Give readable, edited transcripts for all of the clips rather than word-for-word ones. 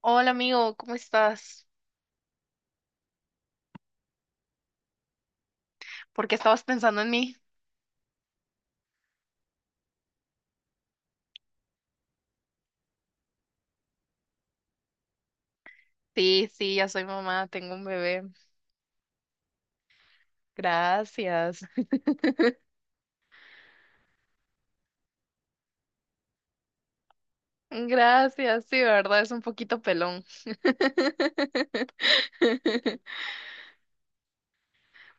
Hola amigo, ¿cómo estás? ¿Por qué estabas pensando en mí? Sí, sí, ya soy mamá, tengo un bebé. Gracias. Gracias, sí, de verdad es un poquito pelón.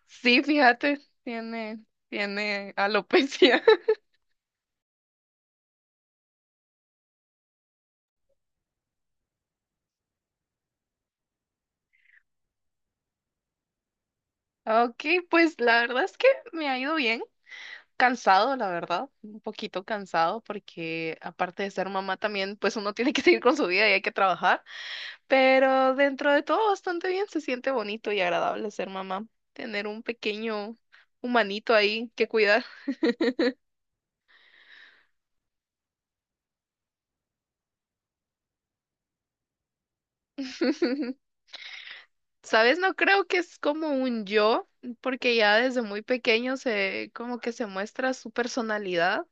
Sí, fíjate, tiene, tiene alopecia. Ok, pues la verdad es que me ha ido bien. Cansado, la verdad, un poquito cansado porque aparte de ser mamá también, pues uno tiene que seguir con su vida y hay que trabajar. Pero dentro de todo bastante bien, se siente bonito y agradable ser mamá, tener un pequeño humanito ahí que cuidar. ¿Sabes? No creo que es como un yo, porque ya desde muy pequeño se como que se muestra su personalidad.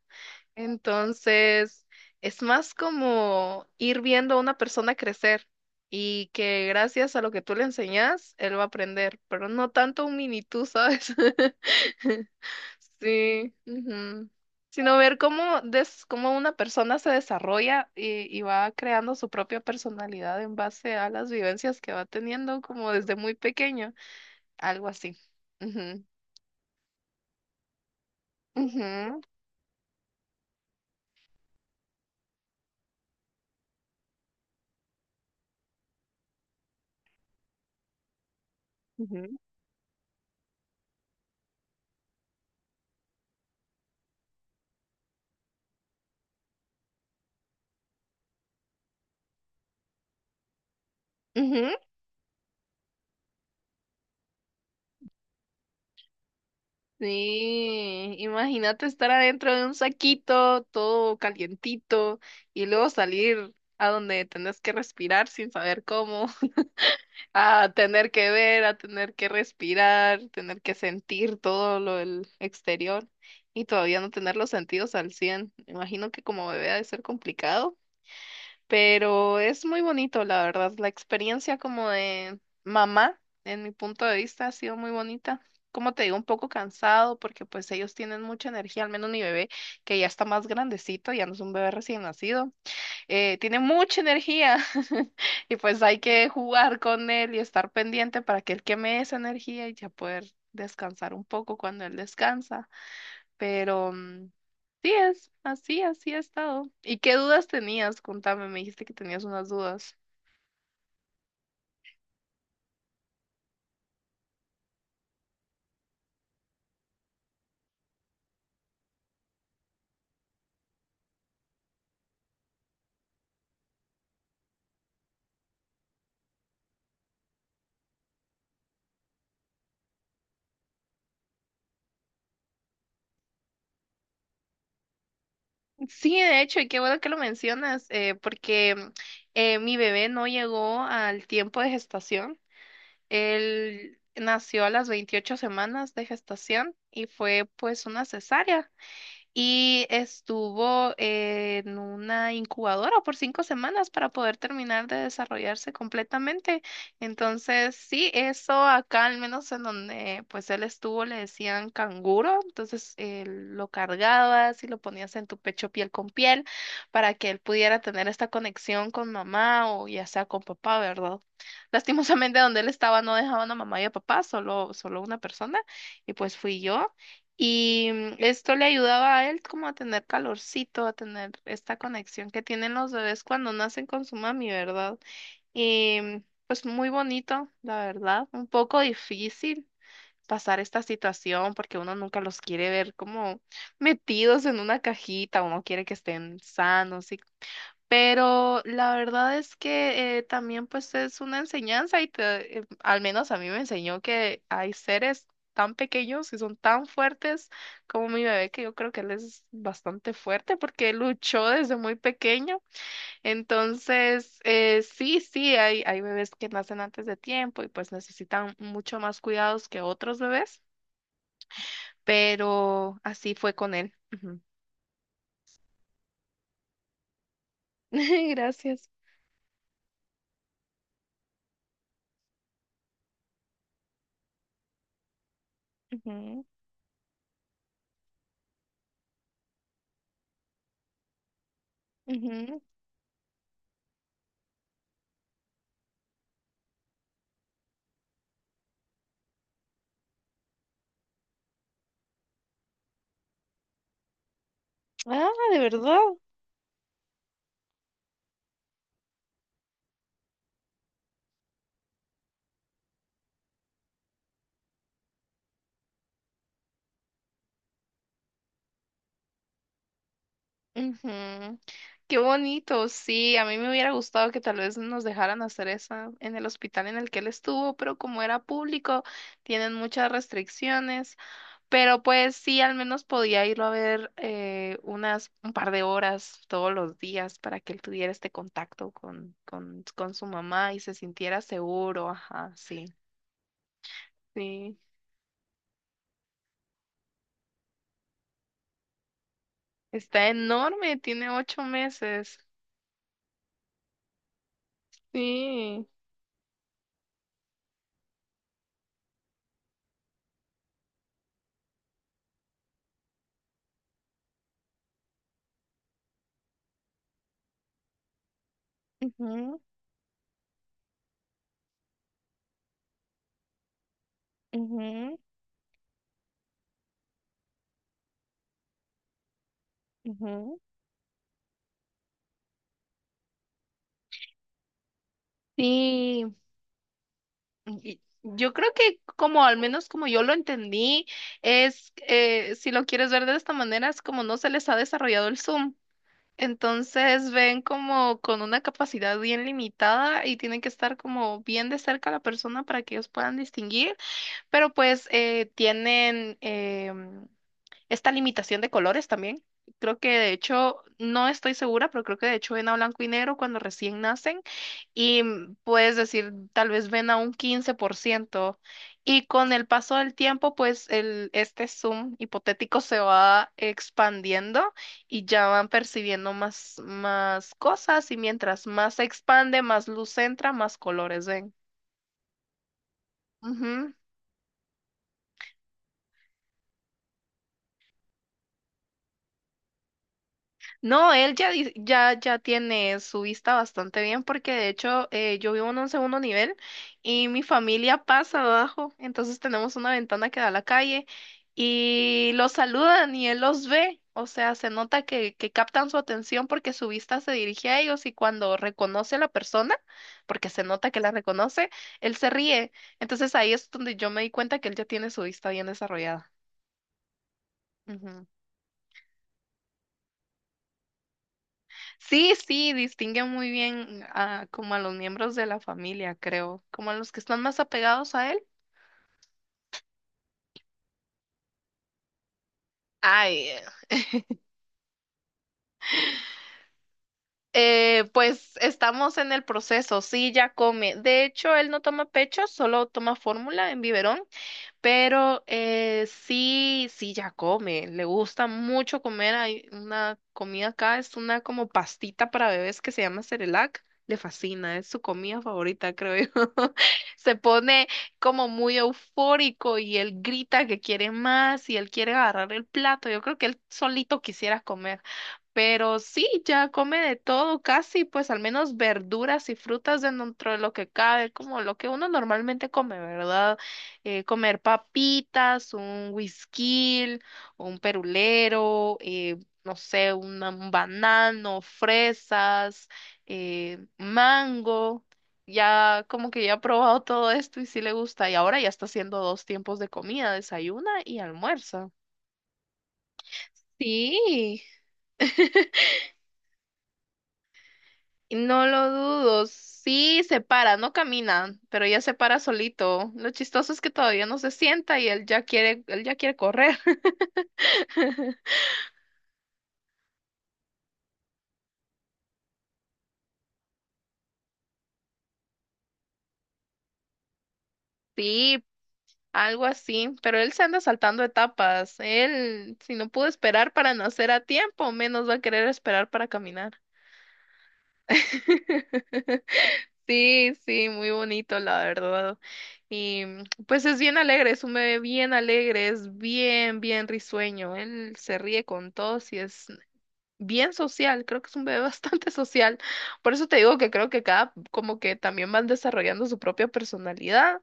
Entonces, es más como ir viendo a una persona crecer y que gracias a lo que tú le enseñas, él va a aprender, pero no tanto un mini tú, ¿sabes? Sí, ujú. Sino ver cómo una persona se desarrolla y va creando su propia personalidad en base a las vivencias que va teniendo como desde muy pequeño, algo así. Ujú, ujú, ujú, ujú. Sí, imagínate estar adentro de un saquito todo calientito y luego salir a donde tenés que respirar sin saber cómo, a tener que ver, a tener que respirar, tener que sentir todo lo del exterior y todavía no tener los sentidos al 100. Me imagino que como bebé ha de ser complicado, pero es muy bonito, la verdad. La experiencia como de mamá, en mi punto de vista, ha sido muy bonita. Como te digo, un poco cansado porque pues ellos tienen mucha energía, al menos mi bebé, que ya está más grandecito, ya no es un bebé recién nacido, tiene mucha energía. Y pues hay que jugar con él y estar pendiente para que él queme esa energía y ya poder descansar un poco cuando él descansa. Pero sí es, así, así ha estado. ¿Y qué dudas tenías? Contame, me dijiste que tenías unas dudas. Sí, de hecho, y qué bueno que lo mencionas, porque mi bebé no llegó al tiempo de gestación. Él nació a las 28 semanas de gestación y fue pues una cesárea. Y estuvo en una incubadora por 5 semanas para poder terminar de desarrollarse completamente. Entonces, sí, eso acá, al menos en donde pues él estuvo, le decían canguro. Entonces, lo cargabas y lo ponías en tu pecho piel con piel para que él pudiera tener esta conexión con mamá o ya sea con papá, ¿verdad? Lastimosamente, donde él estaba no dejaban a mamá y a papá, solo una persona, y pues fui yo. Y esto le ayudaba a él como a tener calorcito, a tener esta conexión que tienen los bebés cuando nacen con su mami, ¿verdad? Y pues muy bonito, la verdad. Un poco difícil pasar esta situación porque uno nunca los quiere ver como metidos en una cajita, uno quiere que estén sanos, y pero la verdad es que también pues es una enseñanza y al menos a mí me enseñó que hay seres tan pequeños y son tan fuertes como mi bebé, que yo creo que él es bastante fuerte porque él luchó desde muy pequeño. Entonces, sí, sí, hay bebés que nacen antes de tiempo y pues necesitan mucho más cuidados que otros bebés, pero así fue con él. Ujú. Gracias. Ujú, ujú. Ah, de verdad. Ujú. Qué bonito, sí, a mí me hubiera gustado que tal vez nos dejaran hacer esa en el hospital en el que él estuvo, pero como era público, tienen muchas restricciones, pero pues sí, al menos podía irlo a ver un par de horas todos los días para que él tuviera este contacto con, su mamá y se sintiera seguro, ajá, sí, sí. Está enorme, tiene 8 meses. Sí. Ujú, ujú, ujú. Sí, yo creo que como al menos como yo lo entendí, si lo quieres ver de esta manera, es como no se les ha desarrollado el Zoom. Entonces ven como con una capacidad bien limitada y tienen que estar como bien de cerca a la persona para que ellos puedan distinguir, pero pues tienen esta limitación de colores también. Creo que de hecho, no estoy segura, pero creo que de hecho ven a blanco y negro cuando recién nacen y puedes decir, tal vez ven a un 15%. Y con el paso del tiempo, pues el, este zoom hipotético se va expandiendo y ya van percibiendo más, más cosas y mientras más se expande, más luz entra, más colores ven. No, él ya tiene su vista bastante bien porque de hecho yo vivo en un segundo nivel y mi familia pasa abajo, entonces tenemos una ventana que da a la calle y los saludan y él los ve, o sea, se nota que captan su atención porque su vista se dirige a ellos y cuando reconoce a la persona, porque se nota que la reconoce, él se ríe. Entonces ahí es donde yo me di cuenta que él ya tiene su vista bien desarrollada. Sí, sí, distingue muy bien como a los miembros de la familia, creo, como a los que están más apegados a él. Ay, pues estamos en el proceso, sí, ya come. De hecho, él no toma pecho, solo toma fórmula en biberón. Pero sí, sí, ya come, le gusta mucho comer. Hay una comida acá, es una como pastita para bebés que se llama Cerelac. Le fascina, es su comida favorita, creo yo. Se pone como muy eufórico y él grita que quiere más y él quiere agarrar el plato. Yo creo que él solito quisiera comer. Pero sí, ya come de todo, casi, pues al menos verduras y frutas dentro de lo que cabe, como lo que uno normalmente come, ¿verdad? Comer papitas, un whisky, un perulero, no sé, un banano, fresas, mango. Ya como que ya ha probado todo esto y sí le gusta. Y ahora ya está haciendo dos tiempos de comida, desayuna y almuerza. Sí, no lo dudo, sí se para, no camina, pero ya se para solito. Lo chistoso es que todavía no se sienta y él ya quiere correr. Sí, algo así, pero él se anda saltando etapas. Él, si no pudo esperar para nacer a tiempo, menos va a querer esperar para caminar. Sí, sí, muy bonito, la verdad. Y pues es bien alegre, es un bebé bien alegre, es bien, bien risueño. Él se ríe con todos y es bien social, creo que es un bebé bastante social. Por eso te digo que creo que como que también van desarrollando su propia personalidad,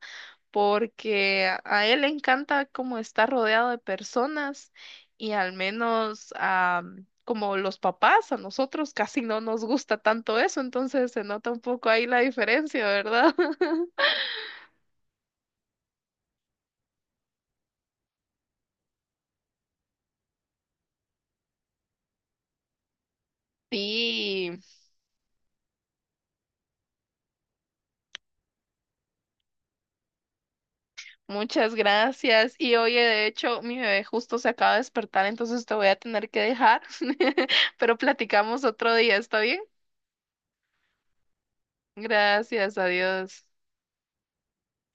porque a él le encanta como estar rodeado de personas y al menos como los papás, a nosotros casi no nos gusta tanto eso, entonces se nota un poco ahí la diferencia, ¿verdad? Sí. Muchas gracias. Y oye, de hecho, mi bebé justo se acaba de despertar, entonces te voy a tener que dejar, pero platicamos otro día, ¿está bien? Gracias, adiós.